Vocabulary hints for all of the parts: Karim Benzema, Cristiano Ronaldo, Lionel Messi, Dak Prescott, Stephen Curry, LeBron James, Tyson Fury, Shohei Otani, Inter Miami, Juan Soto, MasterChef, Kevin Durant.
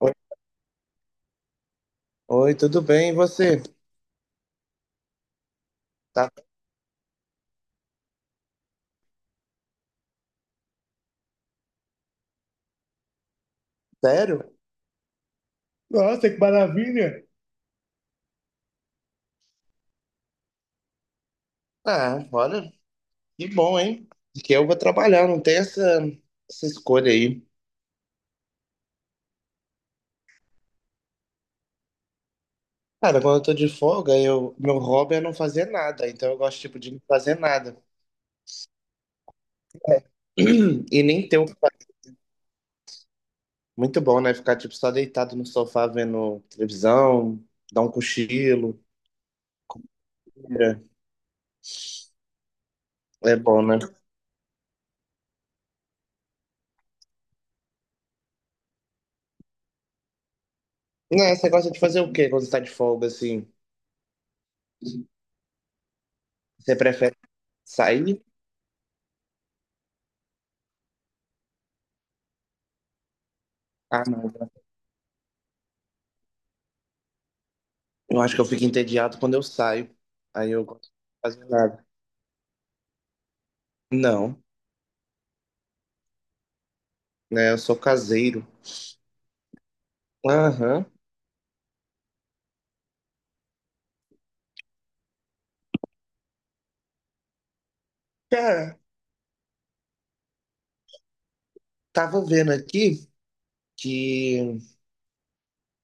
Oi, oi, tudo bem? E você? Tá sério? Nossa, que maravilha! Ah, olha, que bom, hein? Porque eu vou trabalhar, não tem essa, essa escolha aí. Cara, quando eu tô de folga, meu hobby é não fazer nada, então eu gosto, tipo, de não fazer nada. E nem ter o que fazer. Muito bom, né? Ficar, tipo, só deitado no sofá vendo televisão, dar um cochilo. É é bom, né? Né, você gosta de fazer o quê quando você tá de folga, assim? Você prefere sair? Ah, não. Eu acho que eu fico entediado quando eu saio. Aí eu gosto de fazer nada. Não, né? Eu sou caseiro. Aham. Cara, tava vendo aqui que,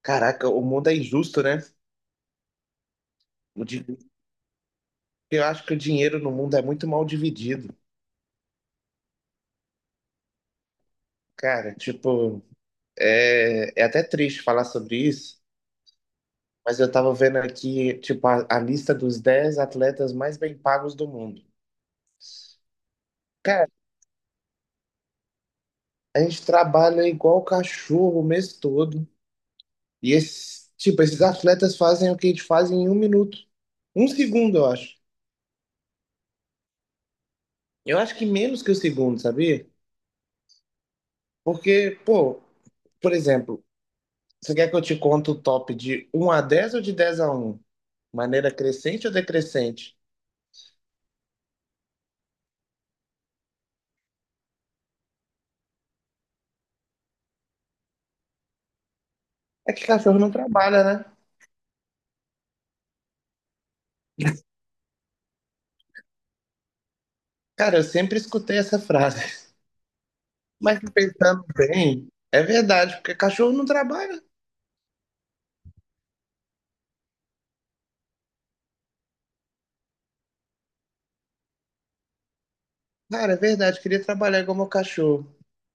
caraca, o mundo é injusto, né? O di- Eu acho que o dinheiro no mundo é muito mal dividido. Cara, tipo, é até triste falar sobre isso, mas eu tava vendo aqui, tipo, a lista dos 10 atletas mais bem pagos do mundo. Cara, a gente trabalha igual cachorro o mês todo. E esses, tipo, esses atletas fazem o que eles fazem em um minuto. Um segundo, eu acho. Eu acho que menos que o segundo, sabia? Porque, pô, por exemplo, você quer que eu te conte o top de um a 10 ou de 10 a um? Maneira crescente ou decrescente? É que cachorro não trabalha, né? Cara, eu sempre escutei essa frase. Mas pensando bem, é verdade, porque cachorro não trabalha. Cara, é verdade, queria trabalhar igual meu cachorro.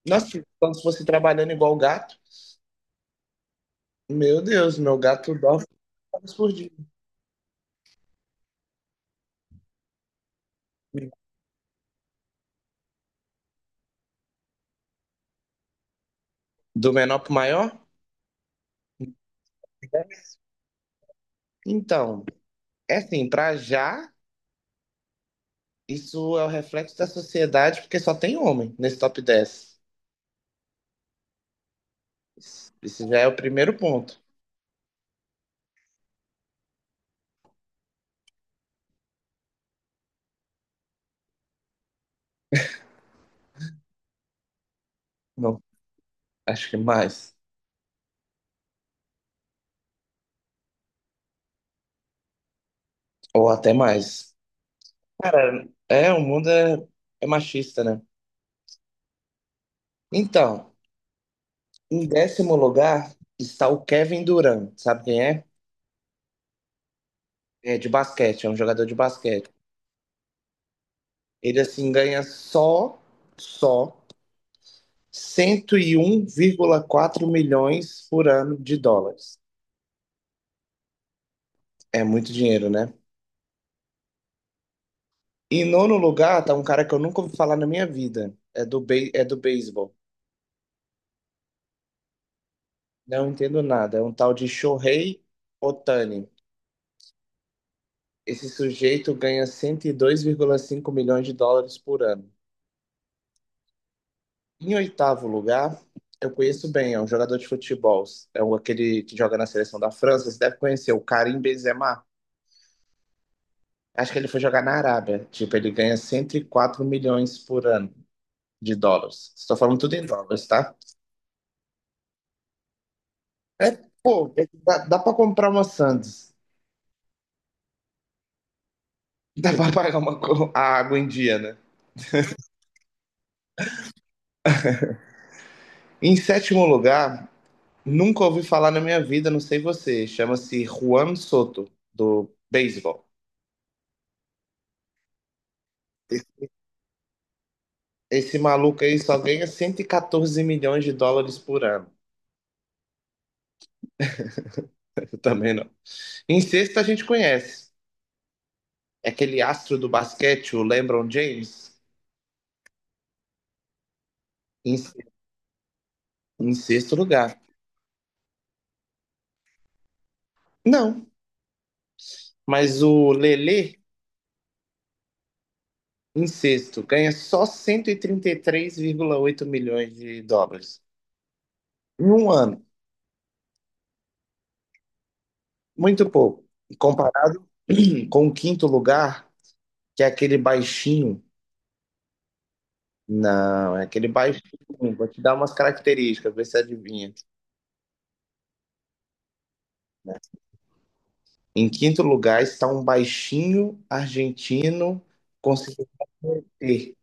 Nossa, então se fosse trabalhando igual o gato, meu Deus, meu gato dorme horas por dia. Do menor para o maior? Então, é assim, para já, isso é o reflexo da sociedade, porque só tem homem nesse top 10. Esse já é o primeiro ponto. Não, acho que mais. Ou até mais. Cara, é machista, né? Então, em décimo lugar está o Kevin Durant. Sabe quem é? É de basquete, é um jogador de basquete. Ele, assim, só 101,4 milhões por ano de dólares. É muito dinheiro, né? Em nono lugar, tá um cara que eu nunca ouvi falar na minha vida. É do, be é do beisebol. Não entendo nada. É um tal de Shohei Otani. Esse sujeito ganha 102,5 milhões de dólares por ano. Em oitavo lugar, eu conheço bem, é um jogador de futebol. É o aquele que joga na seleção da França. Você deve conhecer, o Karim Benzema. Acho que ele foi jogar na Arábia. Tipo, ele ganha 104 milhões por ano de dólares. Estou falando tudo em dólares, tá? É, pô, é que dá para comprar uma Sandes. Dá para pagar a água em dia, né? Em sétimo lugar, nunca ouvi falar na minha vida, não sei você. Chama-se Juan Soto, do beisebol. Esse maluco aí só ganha 114 milhões de dólares por ano. Eu também não. Em sexto, a gente conhece. É aquele astro do basquete, o LeBron James, em, em sexto lugar. Não, mas o Lele em sexto, ganha só 133,8 milhões de dólares em um ano. Muito pouco. Comparado com o quinto lugar, que é aquele baixinho. Não, é aquele baixinho. Vou te dar umas características, ver se adivinha. Né? Em quinto lugar está um baixinho argentino conseguindo ter.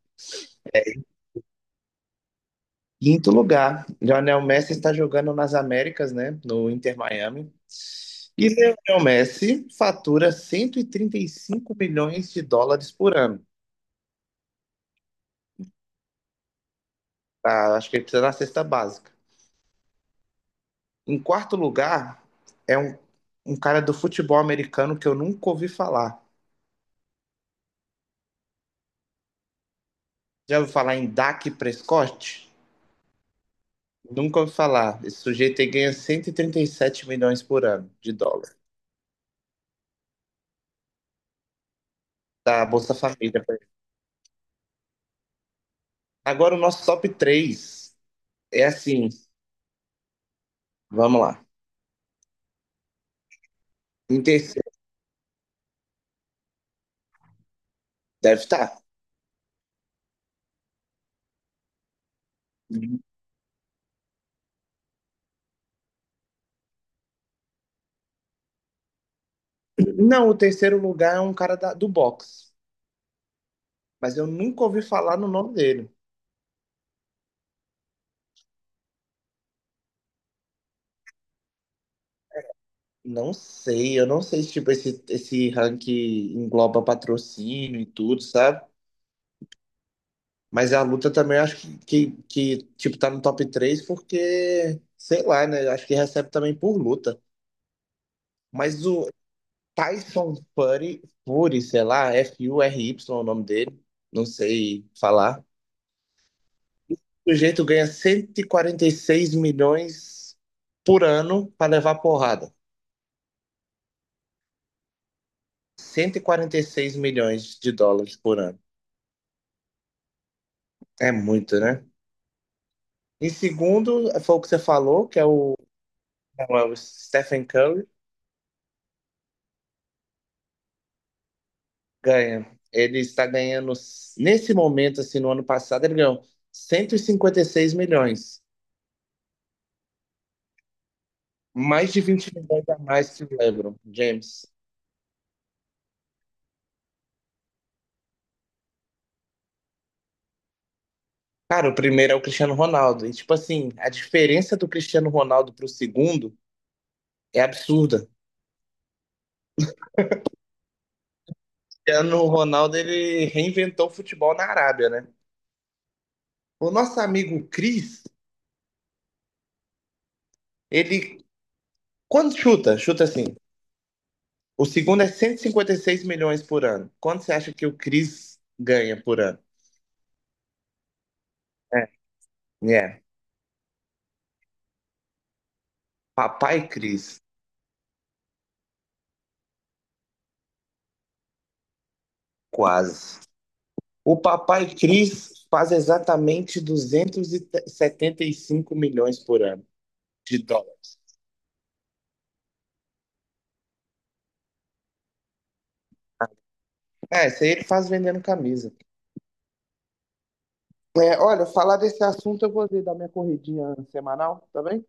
Quinto lugar, Lionel Messi está jogando nas Américas, né? No Inter Miami. E Lionel Messi fatura 135 milhões de dólares por ano. Tá? Acho que ele precisa da cesta básica. Em quarto lugar, é um cara do futebol americano que eu nunca ouvi falar. Já ouviu falar em Dak Prescott? Nunca ouvi falar. Esse sujeito aí ganha 137 milhões por ano de dólar da Bolsa Família. Agora o nosso top 3 é assim, vamos lá. Em terceiro, deve estar. Não, o terceiro lugar é um do boxe, mas eu nunca ouvi falar no nome dele. Não sei, eu não sei se tipo, esse ranking engloba patrocínio e tudo, sabe? Mas a luta também acho que, tipo, tá no top 3 porque, sei lá, né? Acho que recebe também por luta. Mas o Tyson Fury, sei lá, FURY é o nome dele, não sei falar. O sujeito ganha 146 milhões por ano pra levar porrada. 146 milhões de dólares por ano. É muito, né? Em segundo, foi o que você falou, é o Stephen Curry, ganha. Ele está ganhando, nesse momento, assim, no ano passado, ele ganhou 156 milhões. Mais de 20 milhões a mais que o LeBron James. Cara, o primeiro é o Cristiano Ronaldo. E, tipo assim, a diferença do Cristiano Ronaldo pro segundo é absurda. O Cristiano Ronaldo, ele reinventou o futebol na Arábia, né? O nosso amigo Cris, ele, quando chuta, chuta assim. O segundo é 156 milhões por ano. Quanto você acha que o Chris ganha por ano? É. É. Papai Chris, quase. O papai Chris faz exatamente 275 milhões por ano de dólar. É, isso aí ele faz vendendo camisa. É, olha, falar desse assunto eu vou dar minha corridinha semanal, tá bem?